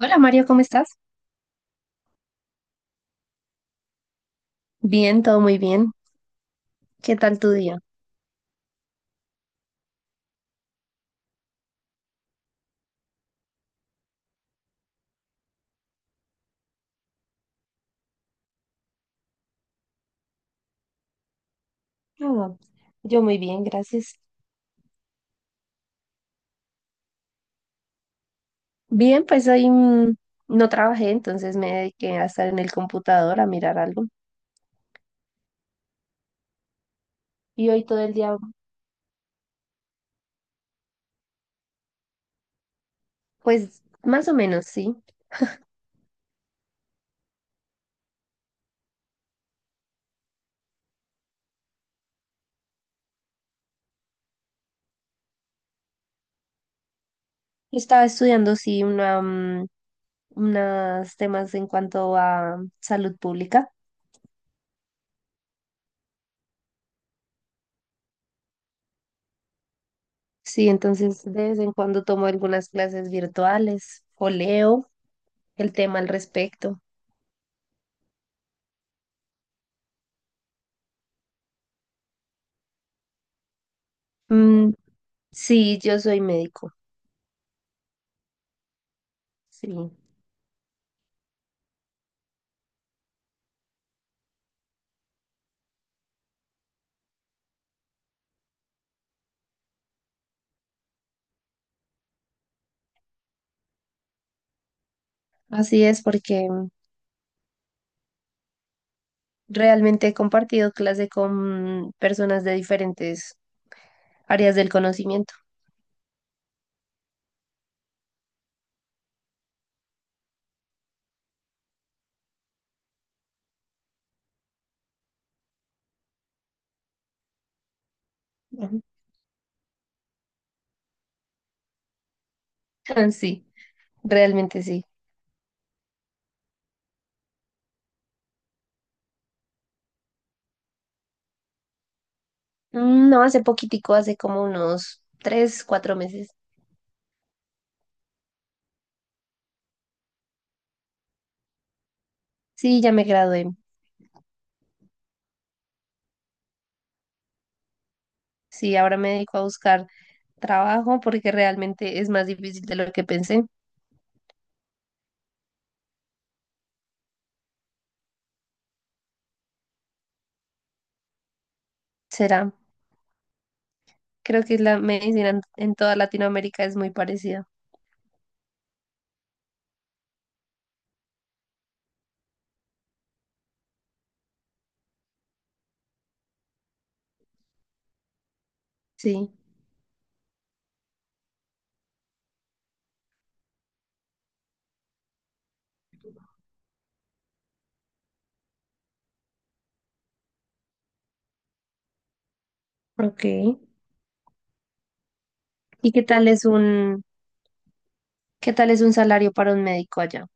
Hola Mario, ¿cómo estás? Bien, todo muy bien. ¿Qué tal tu día? Ah, yo muy bien, gracias. Bien, pues hoy no trabajé, entonces me dediqué a estar en el computador a mirar algo. Y hoy todo el día, pues más o menos, sí. Estaba estudiando, sí, unos temas en cuanto a salud pública. Sí, entonces de vez en cuando tomo algunas clases virtuales o leo el tema al respecto. Mm, sí, yo soy médico. Sí. Así es, porque realmente he compartido clase con personas de diferentes áreas del conocimiento. Ujú. Sí, realmente sí. No, hace poquitico, hace como unos tres, cuatro meses. Sí, ya me gradué. Sí, ahora me dedico a buscar trabajo porque realmente es más difícil de lo que pensé. Será. Creo que la medicina en toda Latinoamérica es muy parecida. Sí. Ok. ¿Y qué tal es un, Qué tal es un salario para un médico allá?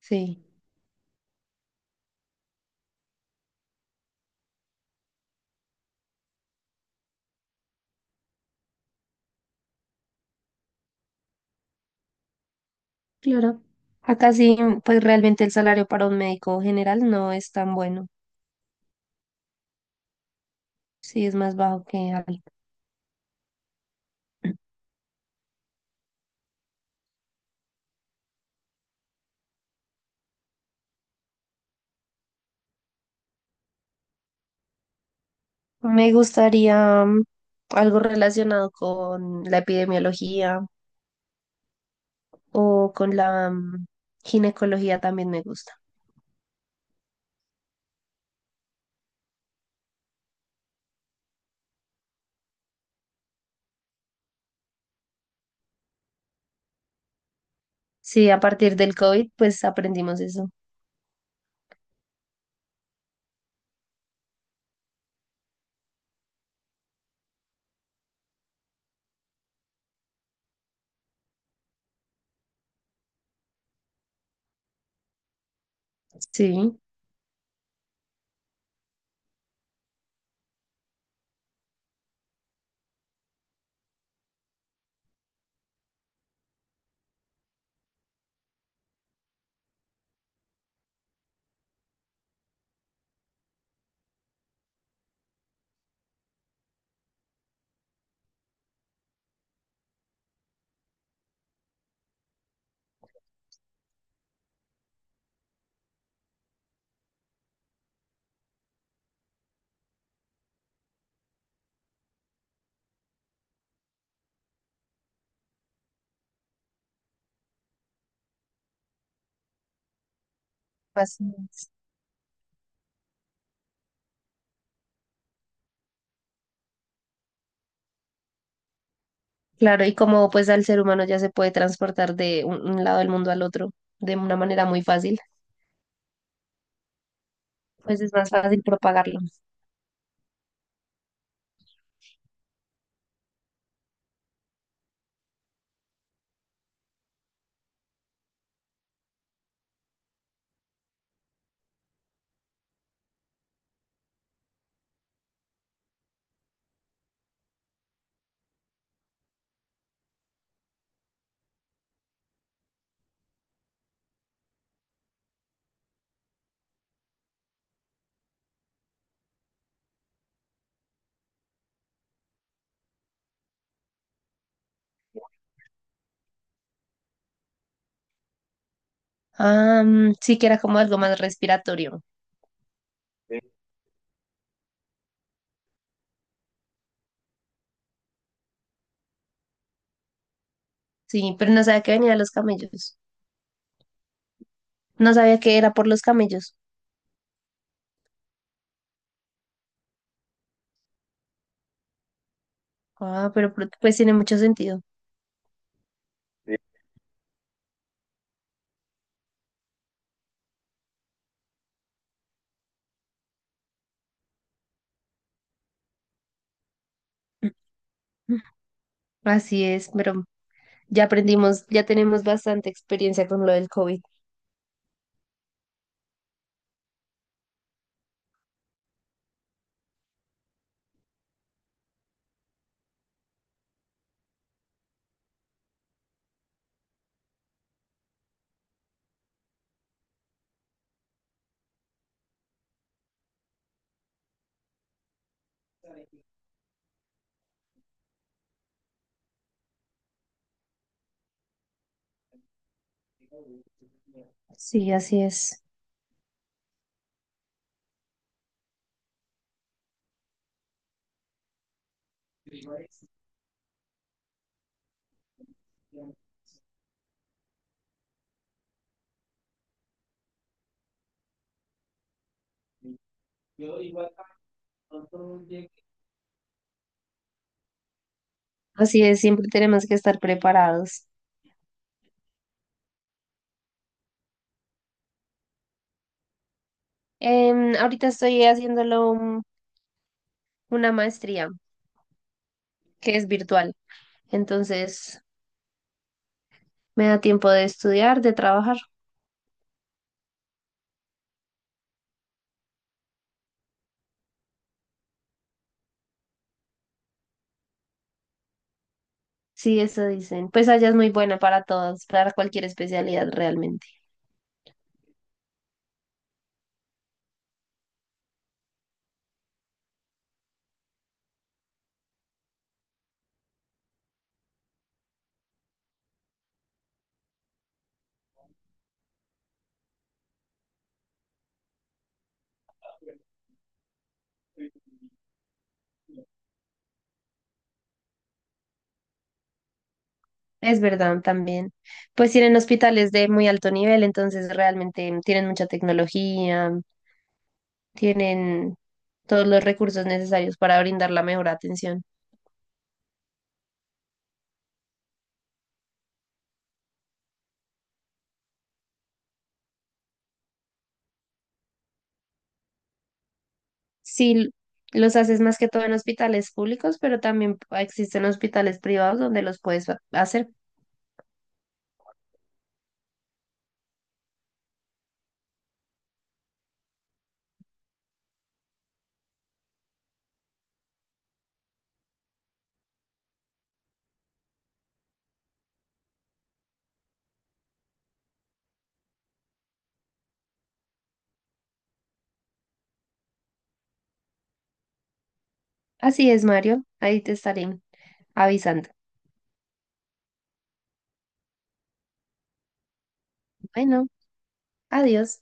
Sí. Claro. Acá sí, pues realmente el salario para un médico general no es tan bueno. Sí, es más bajo que algo. Me gustaría algo relacionado con la epidemiología o con la ginecología también me gusta. Sí, a partir del COVID, pues aprendimos eso. Sí, así es. Claro, y como pues al ser humano ya se puede transportar de un lado del mundo al otro de una manera muy fácil, pues es más fácil propagarlo. Ah, sí, que era como algo más respiratorio. Sí, pero no sabía que venía de los camellos. No sabía que era por los camellos. Ah, pues tiene mucho sentido. Así es, pero ya aprendimos, ya tenemos bastante experiencia con lo del COVID. Sí, así es. Así es, siempre tenemos que estar preparados. Ahorita estoy haciéndolo un- una maestría que es virtual, entonces me da tiempo de estudiar, de trabajar. Sí, eso dicen. Pues allá es muy buena para todos, para cualquier especialidad realmente. Es verdad también. Pues tienen hospitales de muy alto nivel, entonces realmente tienen mucha tecnología, tienen todos los recursos necesarios para brindar la mejor atención. Sí, los haces más que todo en hospitales públicos, pero también existen hospitales privados donde los puedes hacer. Así es, Mario. Ahí te estaré avisando. Bueno, adiós.